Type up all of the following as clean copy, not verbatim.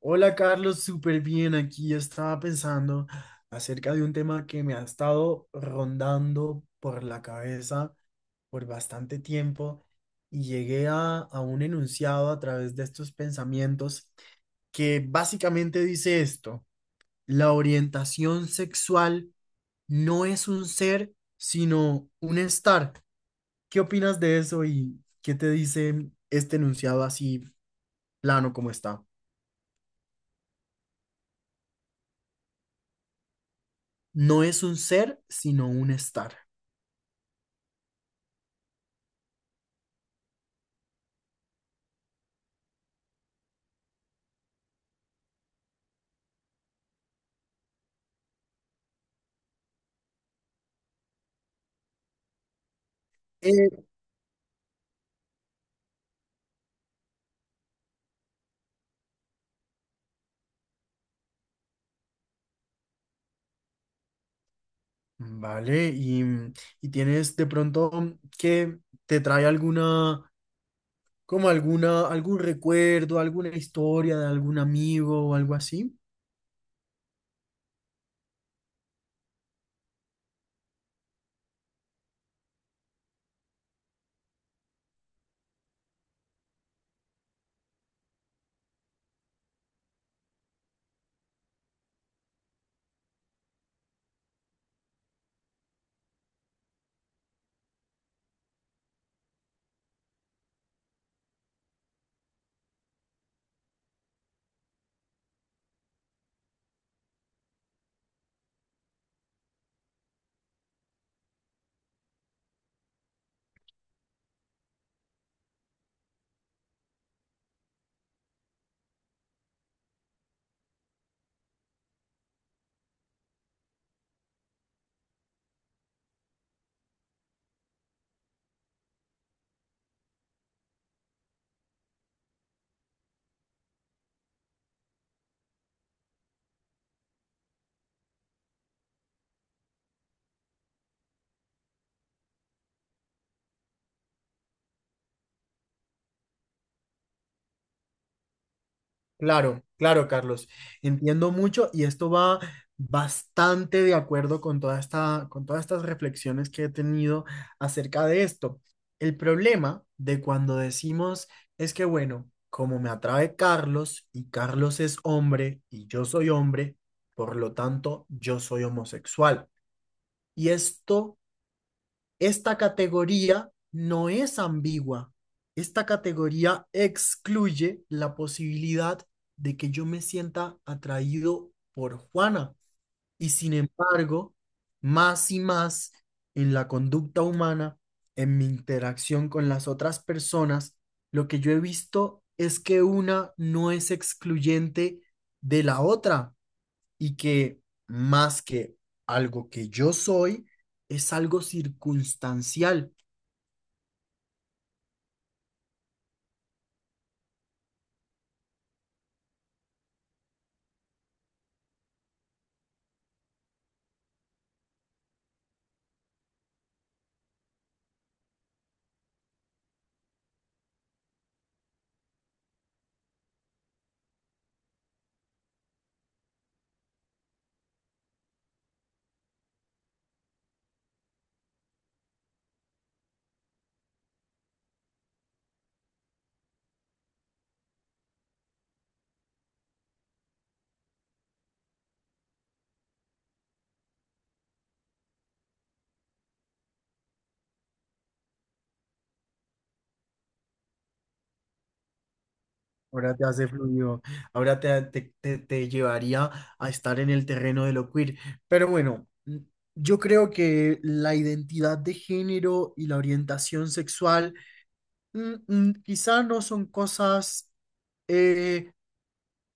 Hola Carlos, súper bien aquí. Estaba pensando acerca de un tema que me ha estado rondando por la cabeza por bastante tiempo y llegué a un enunciado a través de estos pensamientos que básicamente dice esto, la orientación sexual no es un ser, sino un estar. ¿Qué opinas de eso y qué te dice este enunciado así plano como está? No es un ser, sino un estar. Eh, Vale, y tienes de pronto que te trae alguna, algún recuerdo, alguna historia de algún amigo o algo así. Claro, claro, Carlos. Entiendo mucho y esto va bastante de acuerdo con toda con todas estas reflexiones que he tenido acerca de esto. El problema de cuando decimos es que, bueno, como me atrae Carlos y Carlos es hombre y yo soy hombre, por lo tanto, yo soy homosexual. Y esto esta categoría no es ambigua. Esta categoría excluye la posibilidad de que yo me sienta atraído por Juana. Y sin embargo, más y más en la conducta humana, en mi interacción con las otras personas, lo que yo he visto es que una no es excluyente de la otra y que más que algo que yo soy, es algo circunstancial. Ahora te hace fluido, ahora te llevaría a estar en el terreno de lo queer. Pero bueno, yo creo que la identidad de género y la orientación sexual quizá no son cosas, eh,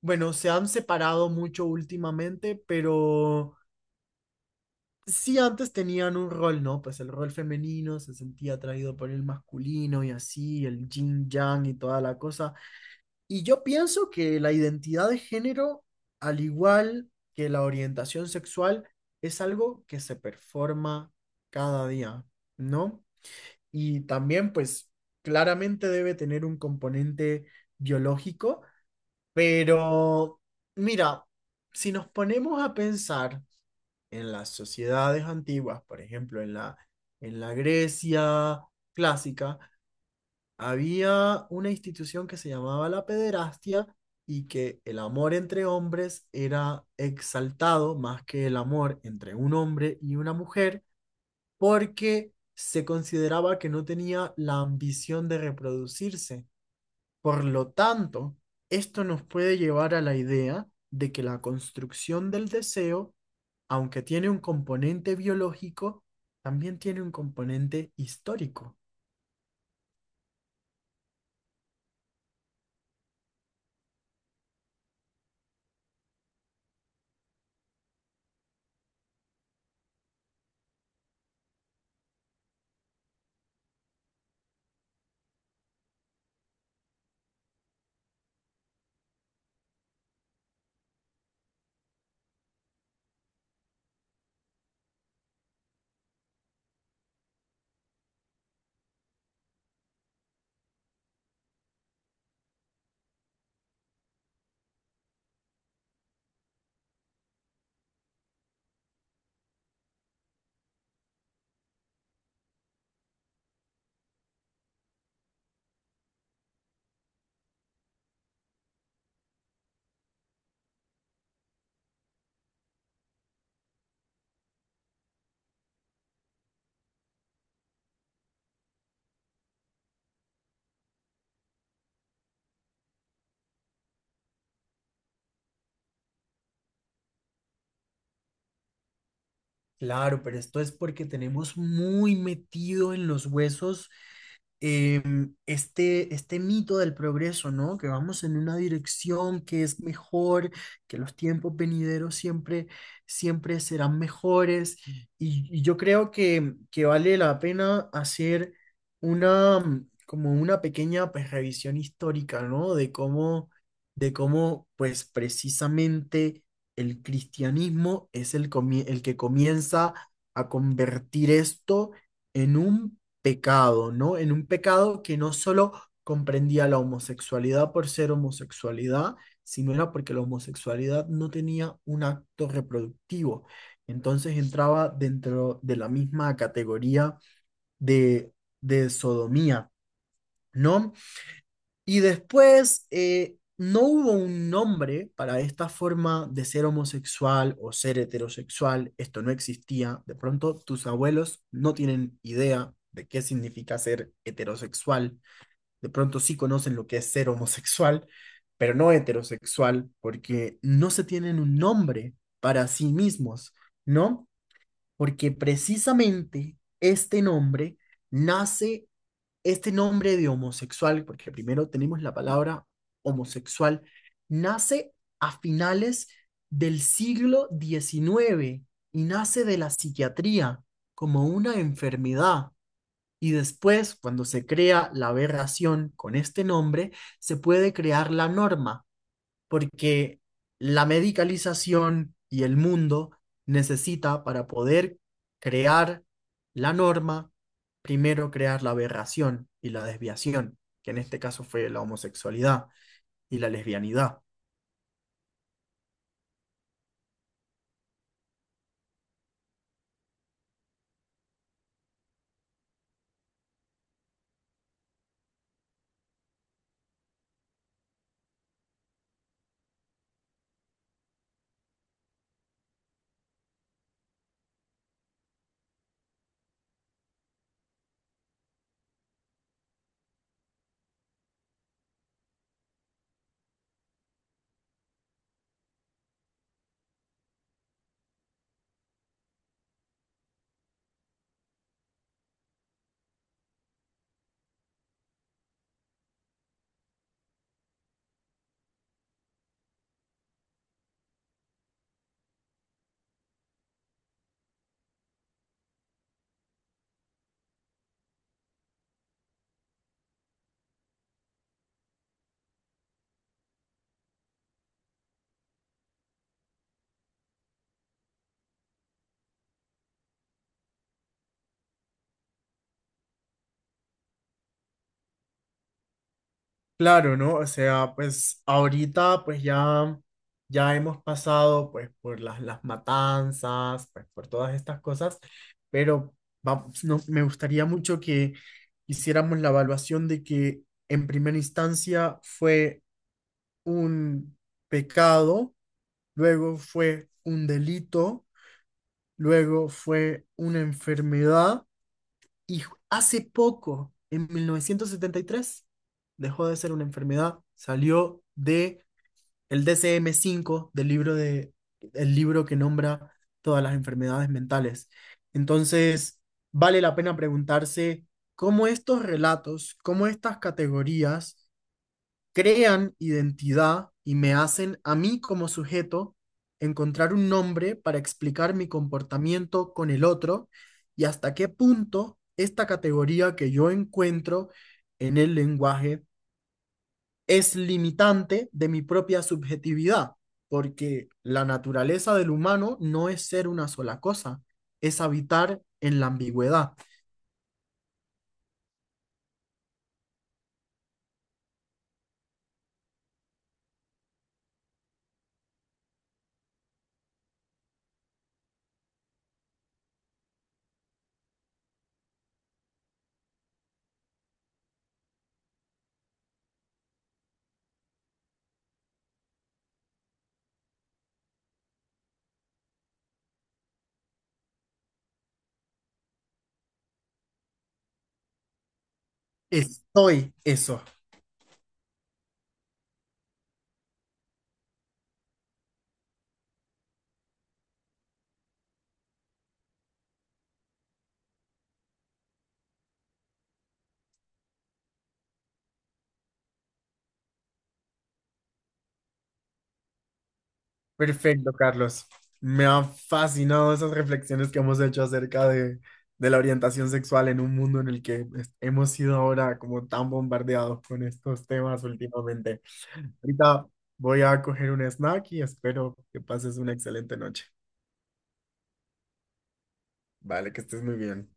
bueno, se han separado mucho últimamente, pero sí antes tenían un rol, ¿no? Pues el rol femenino se sentía atraído por el masculino y así, el yin yang y toda la cosa. Y yo pienso que la identidad de género, al igual que la orientación sexual, es algo que se performa cada día, ¿no? Y también, pues, claramente debe tener un componente biológico, pero mira, si nos ponemos a pensar en las sociedades antiguas, por ejemplo, en la Grecia clásica, había una institución que se llamaba la pederastia y que el amor entre hombres era exaltado más que el amor entre un hombre y una mujer porque se consideraba que no tenía la ambición de reproducirse. Por lo tanto, esto nos puede llevar a la idea de que la construcción del deseo, aunque tiene un componente biológico, también tiene un componente histórico. Claro, pero esto es porque tenemos muy metido en los huesos este mito del progreso, ¿no? Que vamos en una dirección que es mejor, que los tiempos venideros siempre, siempre serán mejores. Y yo creo que vale la pena hacer una, mm, como una pequeña pues, revisión histórica, ¿no? De cómo, pues precisamente el cristianismo es el que comienza a convertir esto en un pecado, ¿no? En un pecado que no solo comprendía la homosexualidad por ser homosexualidad, sino era porque la homosexualidad no tenía un acto reproductivo. Entonces entraba dentro de la misma categoría de, de sodomía, ¿no? Y después no hubo un nombre para esta forma de ser homosexual o ser heterosexual, esto no existía. De pronto tus abuelos no tienen idea de qué significa ser heterosexual, de pronto sí conocen lo que es ser homosexual, pero no heterosexual, porque no se tienen un nombre para sí mismos, ¿no? Porque precisamente este nombre nace este nombre de homosexual, porque primero tenemos la palabra homosexual, nace a finales del siglo XIX y nace de la psiquiatría como una enfermedad. Y después, cuando se crea la aberración con este nombre, se puede crear la norma porque la medicalización y el mundo necesita para poder crear la norma, primero crear la aberración y la desviación, que en este caso fue la homosexualidad y la lesbianidad. Claro, ¿no? O sea, pues ahorita pues ya hemos pasado pues por las matanzas, pues por todas estas cosas, pero vamos, no, me gustaría mucho que hiciéramos la evaluación de que en primera instancia fue un pecado, luego fue un delito, luego fue una enfermedad y hace poco, en 1973 dejó de ser una enfermedad, salió de el DSM-5 del libro de el libro que nombra todas las enfermedades mentales. Entonces, vale la pena preguntarse cómo estos relatos, cómo estas categorías crean identidad y me hacen a mí como sujeto encontrar un nombre para explicar mi comportamiento con el otro y hasta qué punto esta categoría que yo encuentro en el lenguaje es limitante de mi propia subjetividad, porque la naturaleza del humano no es ser una sola cosa, es habitar en la ambigüedad. Estoy eso. Perfecto, Carlos. Me han fascinado esas reflexiones que hemos hecho acerca de la orientación sexual en un mundo en el que hemos sido ahora como tan bombardeados con estos temas últimamente. Ahorita voy a coger un snack y espero que pases una excelente noche. Vale, que estés muy bien.